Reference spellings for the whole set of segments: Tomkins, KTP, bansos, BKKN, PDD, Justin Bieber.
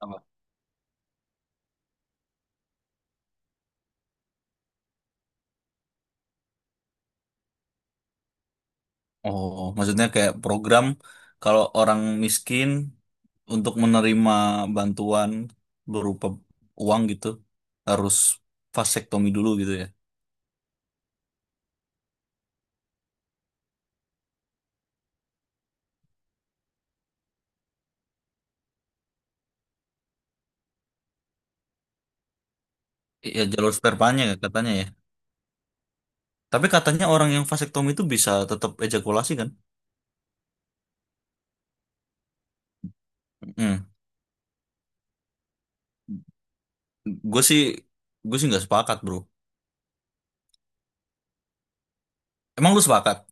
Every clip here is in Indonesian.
Apa? Oh, maksudnya kayak program kalau orang miskin untuk menerima bantuan berupa uang gitu harus vasektomi dulu gitu ya. Ya jalur spermanya katanya ya. Tapi katanya orang yang vasektomi itu bisa tetap ejakulasi kan? Hmm. Gue sih gue sih nggak sepakat bro. Emang lu sepakat?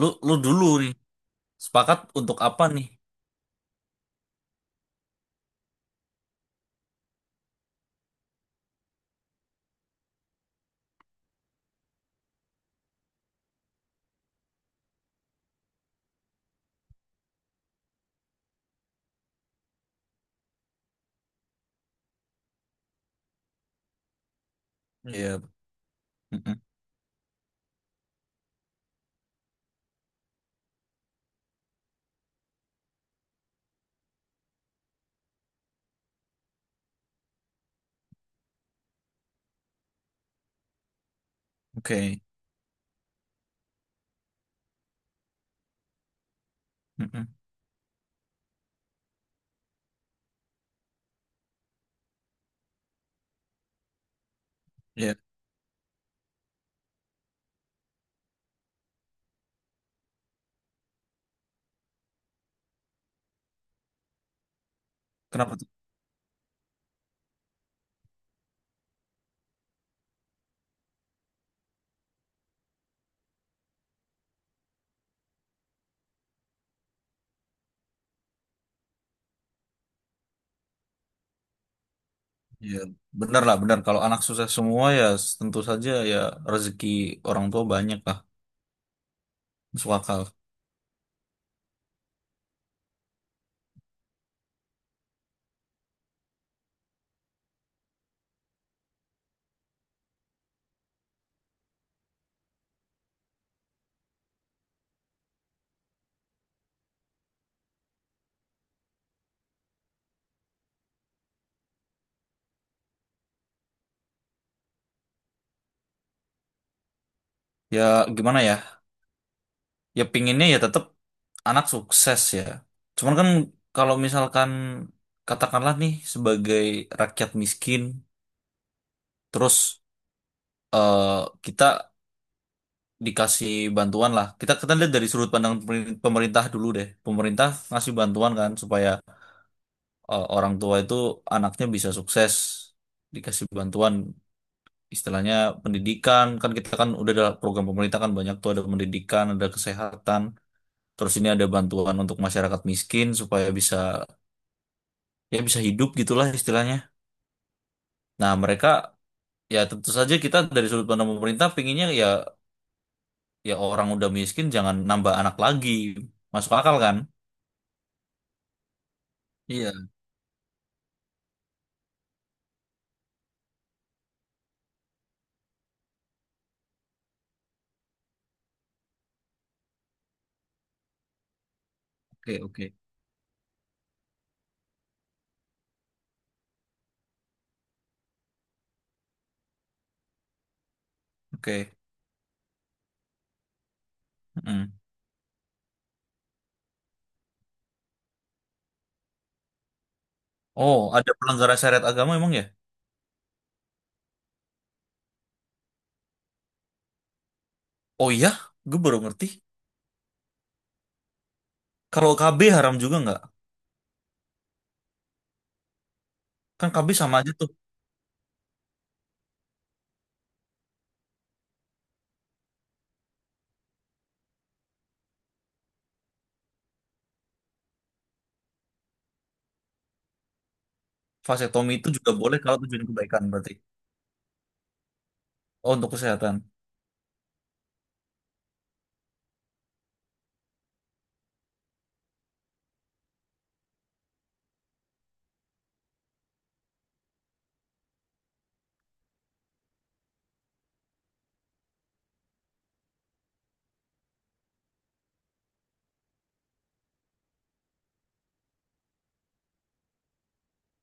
Lu lu dulu nih. Sepakat untuk apa nih? Iya. Mm-mm. Oke. Mm-mm. Iya. Kenapa? Ya, benar lah, benar. Kalau anak susah semua ya tentu saja ya rezeki orang tua banyak lah, masuk akal. Ya gimana ya? Ya pinginnya ya tetap anak sukses ya. Cuman kan kalau misalkan katakanlah nih sebagai rakyat miskin, terus eh, kita dikasih bantuan lah. Kita kita lihat dari sudut pandang pemerintah dulu deh. Pemerintah ngasih bantuan kan supaya orang tua itu anaknya bisa sukses, dikasih bantuan, istilahnya pendidikan. Kan kita kan udah ada program pemerintah, kan banyak tuh ada pendidikan, ada kesehatan. Terus ini ada bantuan untuk masyarakat miskin supaya bisa, ya bisa hidup gitulah istilahnya. Nah mereka, ya tentu saja kita dari sudut pandang pemerintah pinginnya ya orang udah miskin jangan nambah anak lagi, masuk akal kan. Iya. Oke, oke. Oke. Mm. Oh, ada pelanggaran syariat agama emang ya? Oh iya, gue baru ngerti. Kalau KB haram juga nggak? Kan KB sama aja tuh. Vasektomi itu juga boleh kalau tujuan kebaikan berarti. Oh, untuk kesehatan.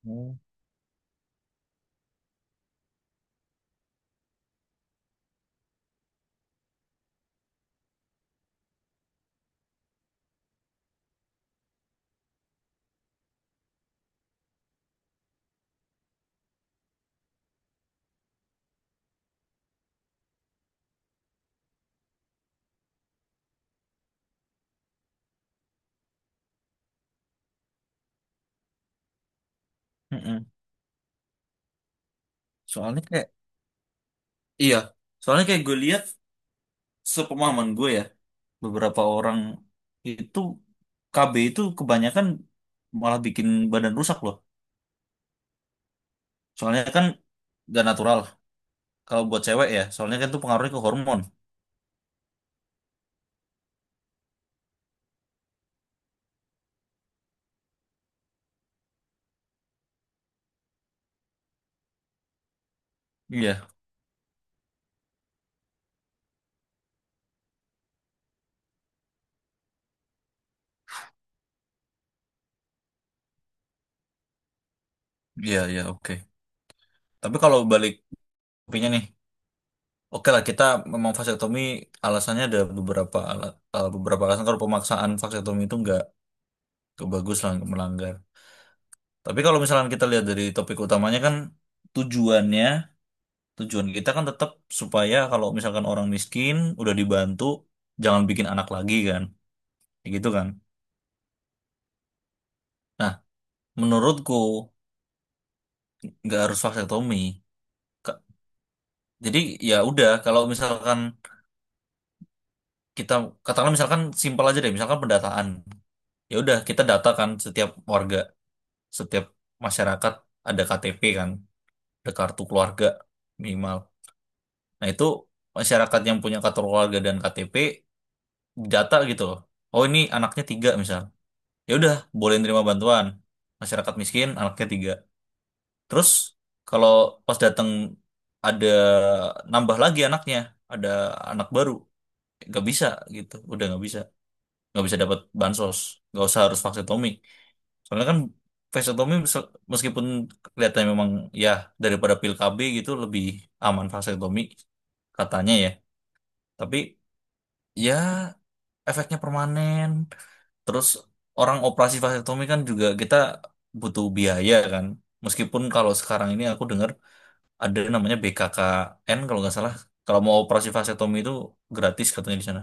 Hmm. Mm-mm. Soalnya kayak, iya, soalnya kayak gue lihat sepemahaman gue ya, beberapa orang itu KB itu kebanyakan malah bikin badan rusak loh. Soalnya kan gak natural kalau buat cewek ya, soalnya kan itu pengaruhnya ke hormon. Iya, iya, iya, oke. Tapi kalau balik topiknya nih, oke lah, kita memang vasektomi alasannya ada beberapa beberapa alasan. Kalau pemaksaan vasektomi itu nggak bagus lah, melanggar. Tapi kalau misalkan kita lihat dari topik utamanya kan tujuannya, tujuan kita kan tetap supaya kalau misalkan orang miskin udah dibantu, jangan bikin anak lagi kan, kayak gitu kan. Nah, menurutku nggak harus vasektomi. Ka- Jadi ya udah kalau misalkan kita katakanlah misalkan simpel aja deh, misalkan pendataan. Ya udah kita data kan setiap warga, setiap masyarakat ada KTP kan, ada kartu keluarga minimal. Nah itu masyarakat yang punya kartu keluarga dan KTP, data gitu loh. Oh ini anaknya tiga misal. Ya udah boleh nerima bantuan. Masyarakat miskin anaknya tiga. Terus kalau pas datang ada nambah lagi anaknya, ada anak baru, nggak bisa gitu. Udah nggak bisa dapat bansos. Nggak usah harus vaksetomi. Soalnya kan vaksetomi meskipun kelihatannya memang ya, daripada pil KB gitu lebih aman vaksetomi katanya ya. Tapi ya efeknya permanen. Terus orang operasi vasektomi kan juga kita butuh biaya kan. Meskipun kalau sekarang ini aku dengar ada namanya BKKN kalau nggak salah. Kalau mau operasi vasektomi itu gratis katanya di sana.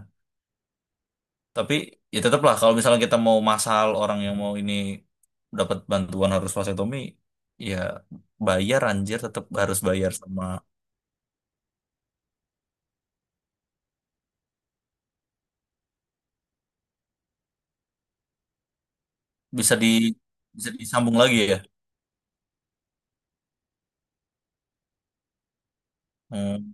Tapi ya tetaplah kalau misalnya kita mau massal orang yang mau ini dapat bantuan harus vasektomi, ya bayar anjir, tetap harus bayar sama bisa di bisa disambung lagi ya. Hmm.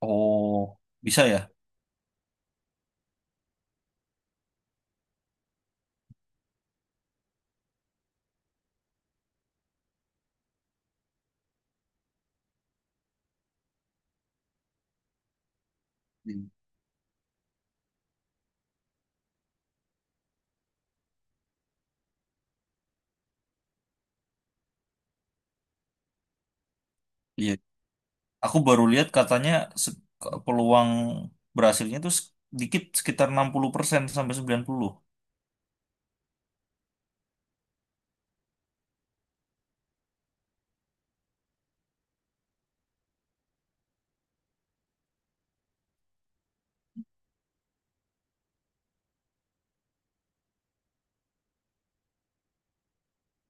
Oh, bisa ya? Hmm. Iya. Aku baru lihat katanya se- peluang berhasilnya itu sedikit, sekitar 60% sampai 90.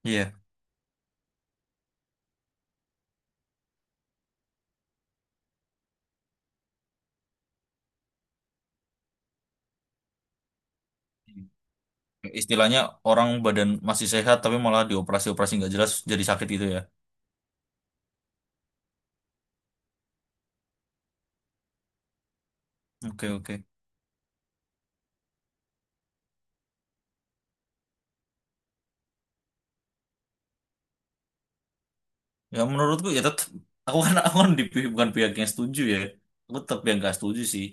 Iya. Istilahnya orang badan masih sehat tapi malah dioperasi-operasi nggak jelas jadi sakit gitu ya. Oke, oke. Ya menurutku ya tetap, aku kan di bukan pihak yang setuju ya. Aku tetap yang nggak setuju sih.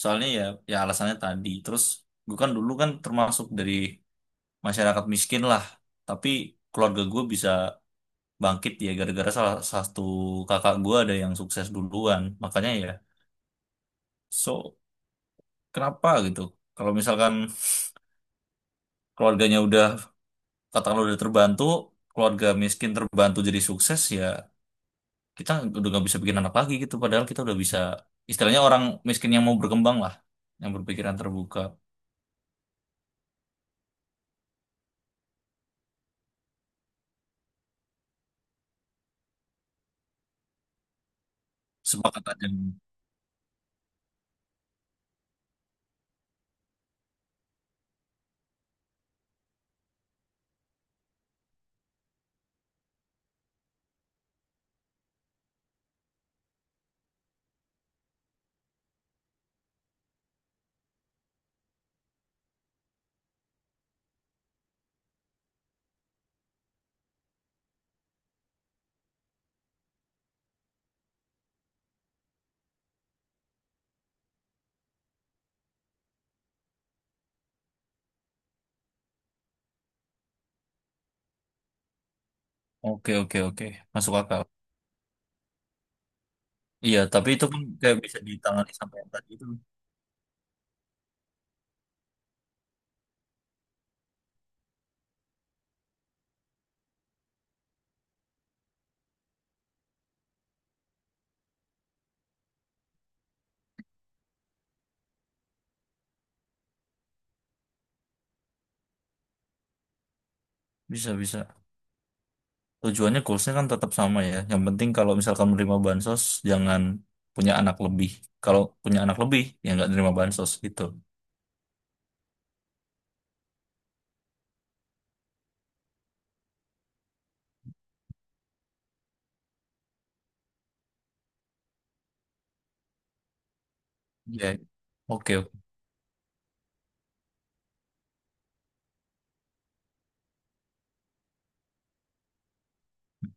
Soalnya ya alasannya tadi. Terus gue kan dulu kan termasuk dari masyarakat miskin lah. Tapi keluarga gue bisa bangkit ya gara-gara salah satu kakak gua ada yang sukses duluan, makanya ya, so kenapa gitu kalau misalkan keluarganya udah katakanlah udah terbantu, keluarga miskin terbantu jadi sukses, ya kita udah nggak bisa bikin anak lagi gitu padahal kita udah bisa, istilahnya orang miskin yang mau berkembang lah, yang berpikiran terbuka. Sepakat aja. Oke, oke, oke. Masuk akal. Iya, tapi itu pun kayak bisa ditangani sampai yang tadi itu. Bisa, bisa. Tujuannya goalsnya kan tetap sama ya. Yang penting kalau misalkan menerima bansos, jangan punya anak lebih. Kalau punya anak lebih, ya nggak nerima bansos gitu. Ya. Oke, oke.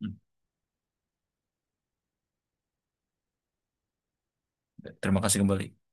Hmm. Terima kasih kembali.